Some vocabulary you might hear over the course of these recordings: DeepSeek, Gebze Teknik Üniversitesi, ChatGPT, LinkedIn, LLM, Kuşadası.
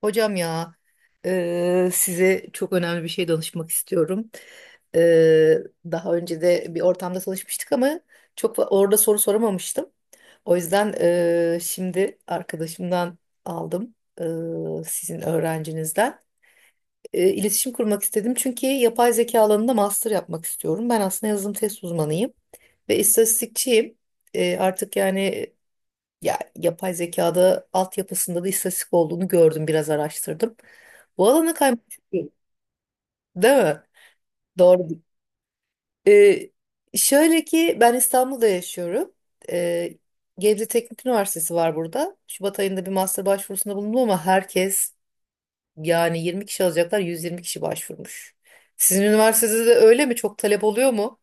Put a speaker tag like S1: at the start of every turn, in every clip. S1: Hocam ya size çok önemli bir şey danışmak istiyorum. Eee, Daha önce de bir ortamda çalışmıştık ama çok orada soru soramamıştım. O yüzden şimdi arkadaşımdan aldım sizin öğrencinizden. İletişim kurmak istedim çünkü yapay zeka alanında master yapmak istiyorum. Ben aslında yazılım test uzmanıyım ve istatistikçiyim. Artık yani ya yapay zekada altyapısında da istatistik olduğunu gördüm, biraz araştırdım. Bu alana kaymış değil değil mi? Doğru. Ee, Şöyle ki ben İstanbul'da yaşıyorum. Ee, Gebze Teknik Üniversitesi var burada. Şubat ayında bir master başvurusunda bulundum ama herkes yani 20 kişi alacaklar, 120 kişi başvurmuş. Sizin üniversitede de öyle mi? Çok talep oluyor mu?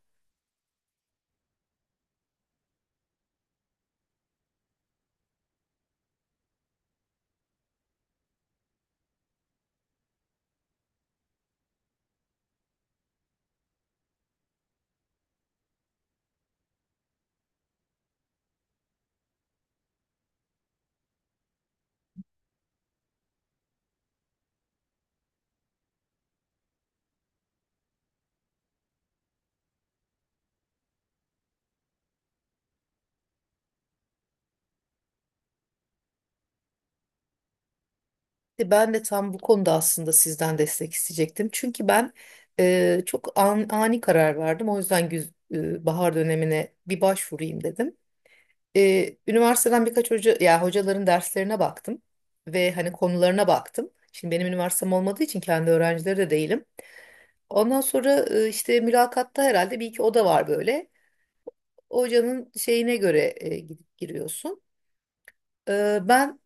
S1: Ben de tam bu konuda aslında sizden destek isteyecektim. Çünkü ben çok ani karar verdim. O yüzden bahar dönemine bir başvurayım dedim. Üniversiteden birkaç hoca, ya hocaların derslerine baktım ve hani konularına baktım. Şimdi benim üniversitem olmadığı için kendi öğrencileri de değilim. Ondan sonra işte mülakatta herhalde bir iki oda var böyle. Hocanın şeyine göre gidip giriyorsun. E, ben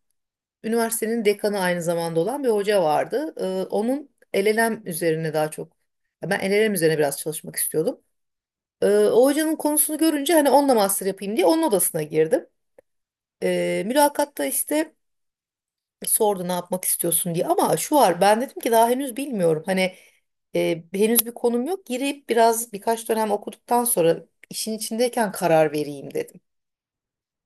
S1: Üniversitenin dekanı aynı zamanda olan bir hoca vardı. Onun LLM üzerine daha çok, ya ben LLM üzerine biraz çalışmak istiyordum. O hocanın konusunu görünce hani onunla master yapayım diye onun odasına girdim. Mülakatta işte sordu ne yapmak istiyorsun diye ama şu var ben dedim ki daha henüz bilmiyorum. Hani henüz bir konum yok girip biraz birkaç dönem okuduktan sonra işin içindeyken karar vereyim dedim.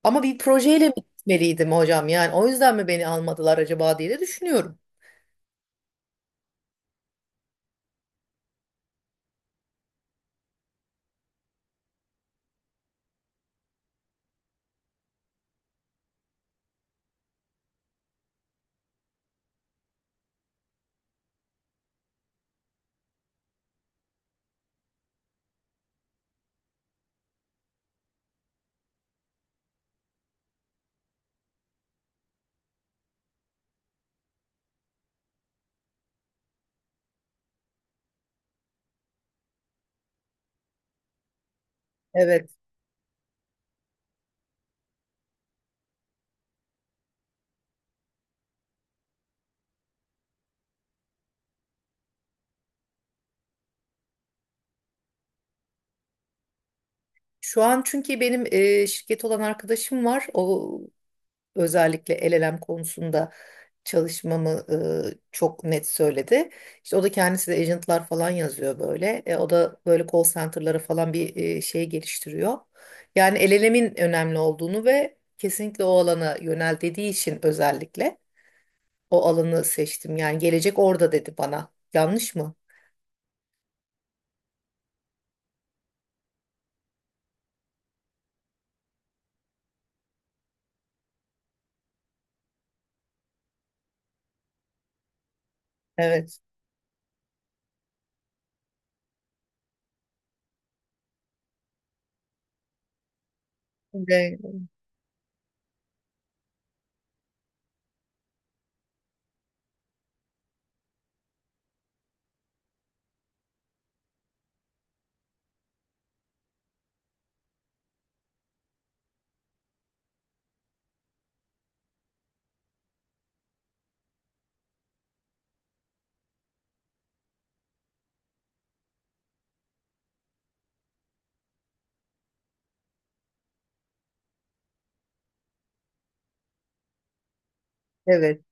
S1: Ama bir projeyle mi gitmeliydim hocam yani o yüzden mi beni almadılar acaba diye de düşünüyorum. Evet. Şu an çünkü benim şirket olan arkadaşım var. O özellikle LLM konusunda çalışmamı çok net söyledi. İşte o da kendisi de agentlar falan yazıyor böyle. O da böyle call center'lara falan bir şey geliştiriyor. Yani LLM'in önemli olduğunu ve kesinlikle o alana yönel dediği için özellikle o alanı seçtim. Yani gelecek orada dedi bana. Yanlış mı? Evet. De- Evet.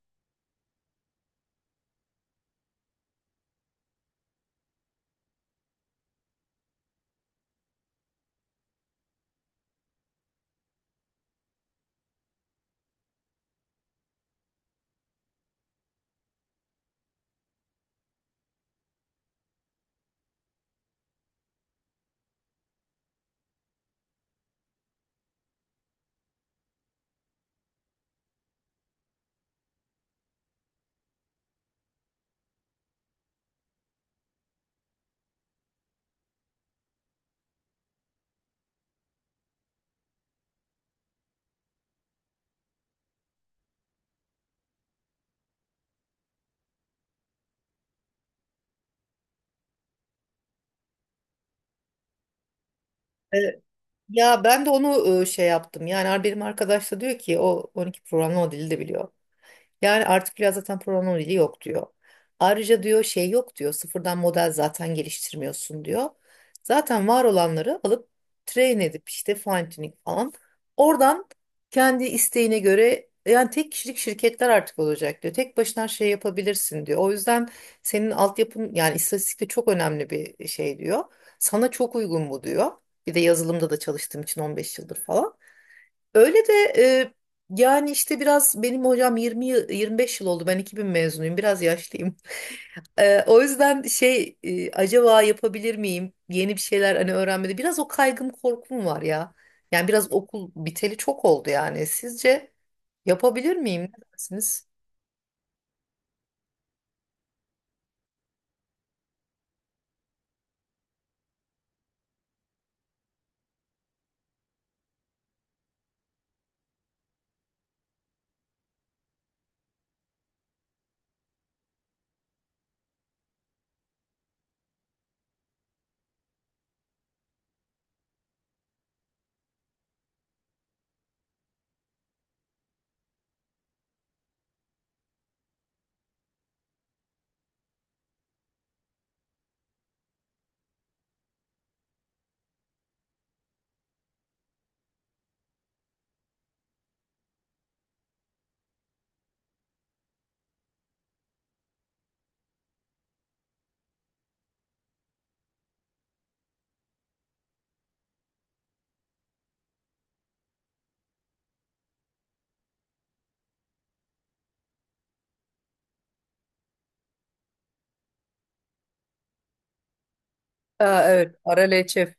S1: Ya ben de onu şey yaptım. Yani benim arkadaş da diyor ki o 12 programlama dili de biliyor. Yani artık biraz zaten programlama dili yok diyor. Ayrıca diyor şey yok diyor. Sıfırdan model zaten geliştirmiyorsun diyor. Zaten var olanları alıp train edip işte fine tuning falan. Oradan kendi isteğine göre yani tek kişilik şirketler artık olacak diyor. Tek başına şey yapabilirsin diyor. O yüzden senin altyapın yani istatistik de çok önemli bir şey diyor. Sana çok uygun bu diyor. Bir de yazılımda da çalıştığım için 15 yıldır falan. Öyle de yani işte biraz benim hocam 25 yıl oldu. Ben 2000 mezunuyum. Biraz yaşlıyım. O yüzden şey acaba yapabilir miyim? Yeni bir şeyler hani öğrenmede biraz o kaygım korkum var ya. Yani biraz okul biteli çok oldu yani. Sizce yapabilir miyim? Ne dersiniz? Aa, evet. Ara LÇF.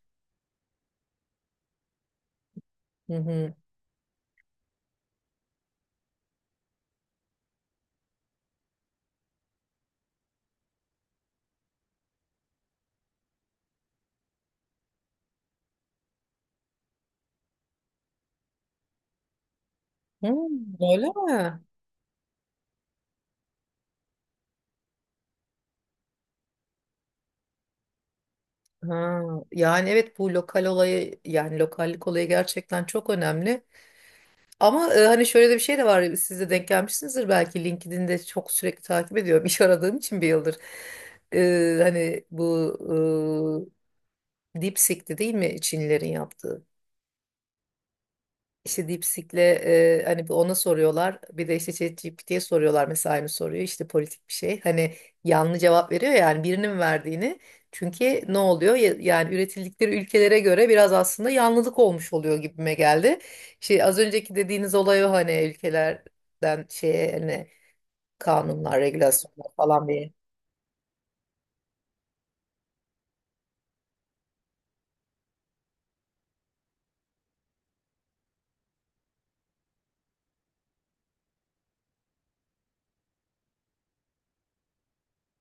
S1: Hı hı. Hı, Öyle mi? Ha, yani evet bu lokal olayı yani lokallik olayı gerçekten çok önemli. Ama hani şöyle de bir şey de var. Siz de denk gelmişsinizdir belki. LinkedIn'de çok sürekli takip ediyorum. İş aradığım için bir yıldır. Hani bu DeepSeek'ti değil mi Çinlilerin yaptığı? İşte DeepSeek'le hani bir ona soruyorlar. Bir de işte ChatGPT'ye soruyorlar mesela aynı soruyu. İşte politik bir şey. Hani yanlış cevap veriyor ya, yani birinin verdiğini. Çünkü ne oluyor? Yani üretildikleri ülkelere göre biraz aslında yanlılık olmuş oluyor gibime geldi. Şey az önceki dediğiniz olay o hani ülkelerden şeye hani kanunlar, regülasyonlar falan bir.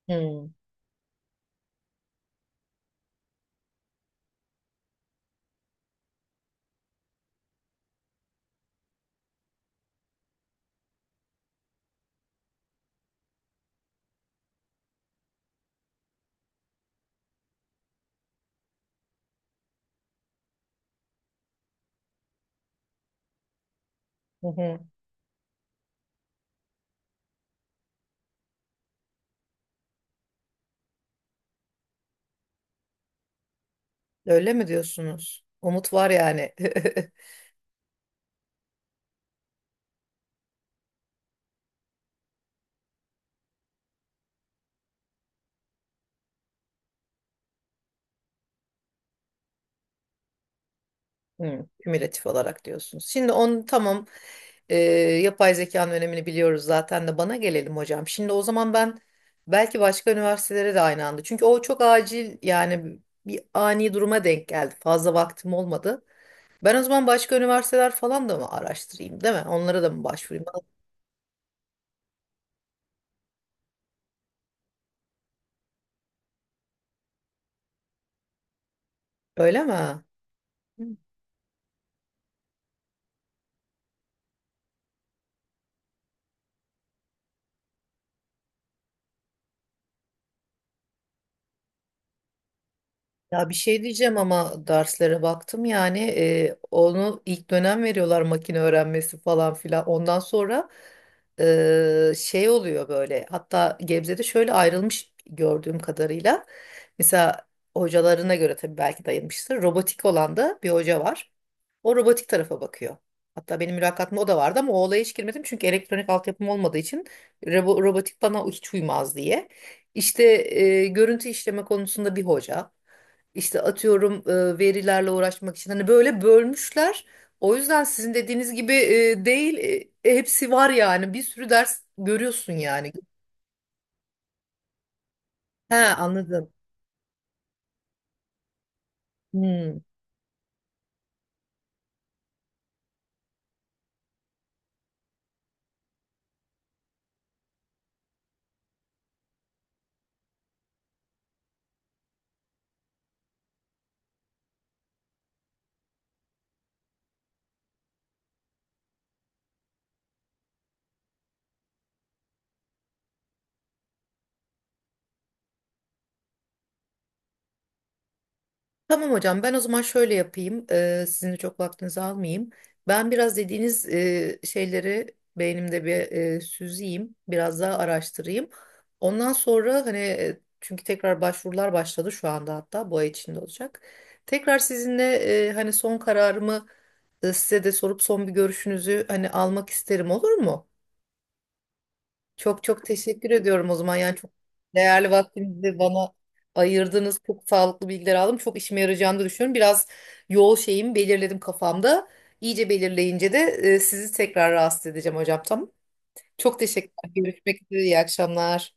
S1: Hmm. Hı hı. Öyle mi diyorsunuz? Umut var yani. Hı, kümülatif olarak diyorsunuz. Şimdi onu tamam e, yapay zekanın önemini biliyoruz zaten de bana gelelim hocam. Şimdi o zaman ben belki başka üniversitelere de aynı anda. Çünkü o çok acil yani bir ani duruma denk geldi. Fazla vaktim olmadı. Ben o zaman başka üniversiteler falan da mı araştırayım değil mi? Onlara da mı başvurayım? Öyle mi? Ya bir şey diyeceğim ama derslere baktım yani onu ilk dönem veriyorlar makine öğrenmesi falan filan. Ondan sonra şey oluyor böyle hatta Gebze'de şöyle ayrılmış gördüğüm kadarıyla. Mesela hocalarına göre tabii belki dayanmıştır. Robotik olan da bir hoca var. O robotik tarafa bakıyor. Hatta benim mülakatımda o da vardı ama o olaya hiç girmedim. Çünkü elektronik altyapım olmadığı için robotik bana hiç uymaz diye. İşte görüntü işleme konusunda bir hoca. İşte atıyorum verilerle uğraşmak için hani böyle bölmüşler. O yüzden sizin dediğiniz gibi değil hepsi var yani bir sürü ders görüyorsun yani. He anladım. Hmm. Tamam hocam ben o zaman şöyle yapayım. Sizin de çok vaktinizi almayayım. Ben biraz dediğiniz şeyleri beynimde bir süzeyim biraz daha araştırayım. Ondan sonra hani çünkü tekrar başvurular başladı şu anda hatta bu ay içinde olacak. Tekrar sizinle hani son kararımı size de sorup son bir görüşünüzü hani almak isterim olur mu? Çok çok teşekkür ediyorum o zaman. Yani çok değerli vaktinizi bana ayırdınız. Çok sağlıklı bilgiler aldım. Çok işime yarayacağını da düşünüyorum. Biraz yol şeyimi belirledim kafamda. İyice belirleyince de sizi tekrar rahatsız edeceğim hocam. Tamam. Çok teşekkürler. Görüşmek üzere. İyi akşamlar.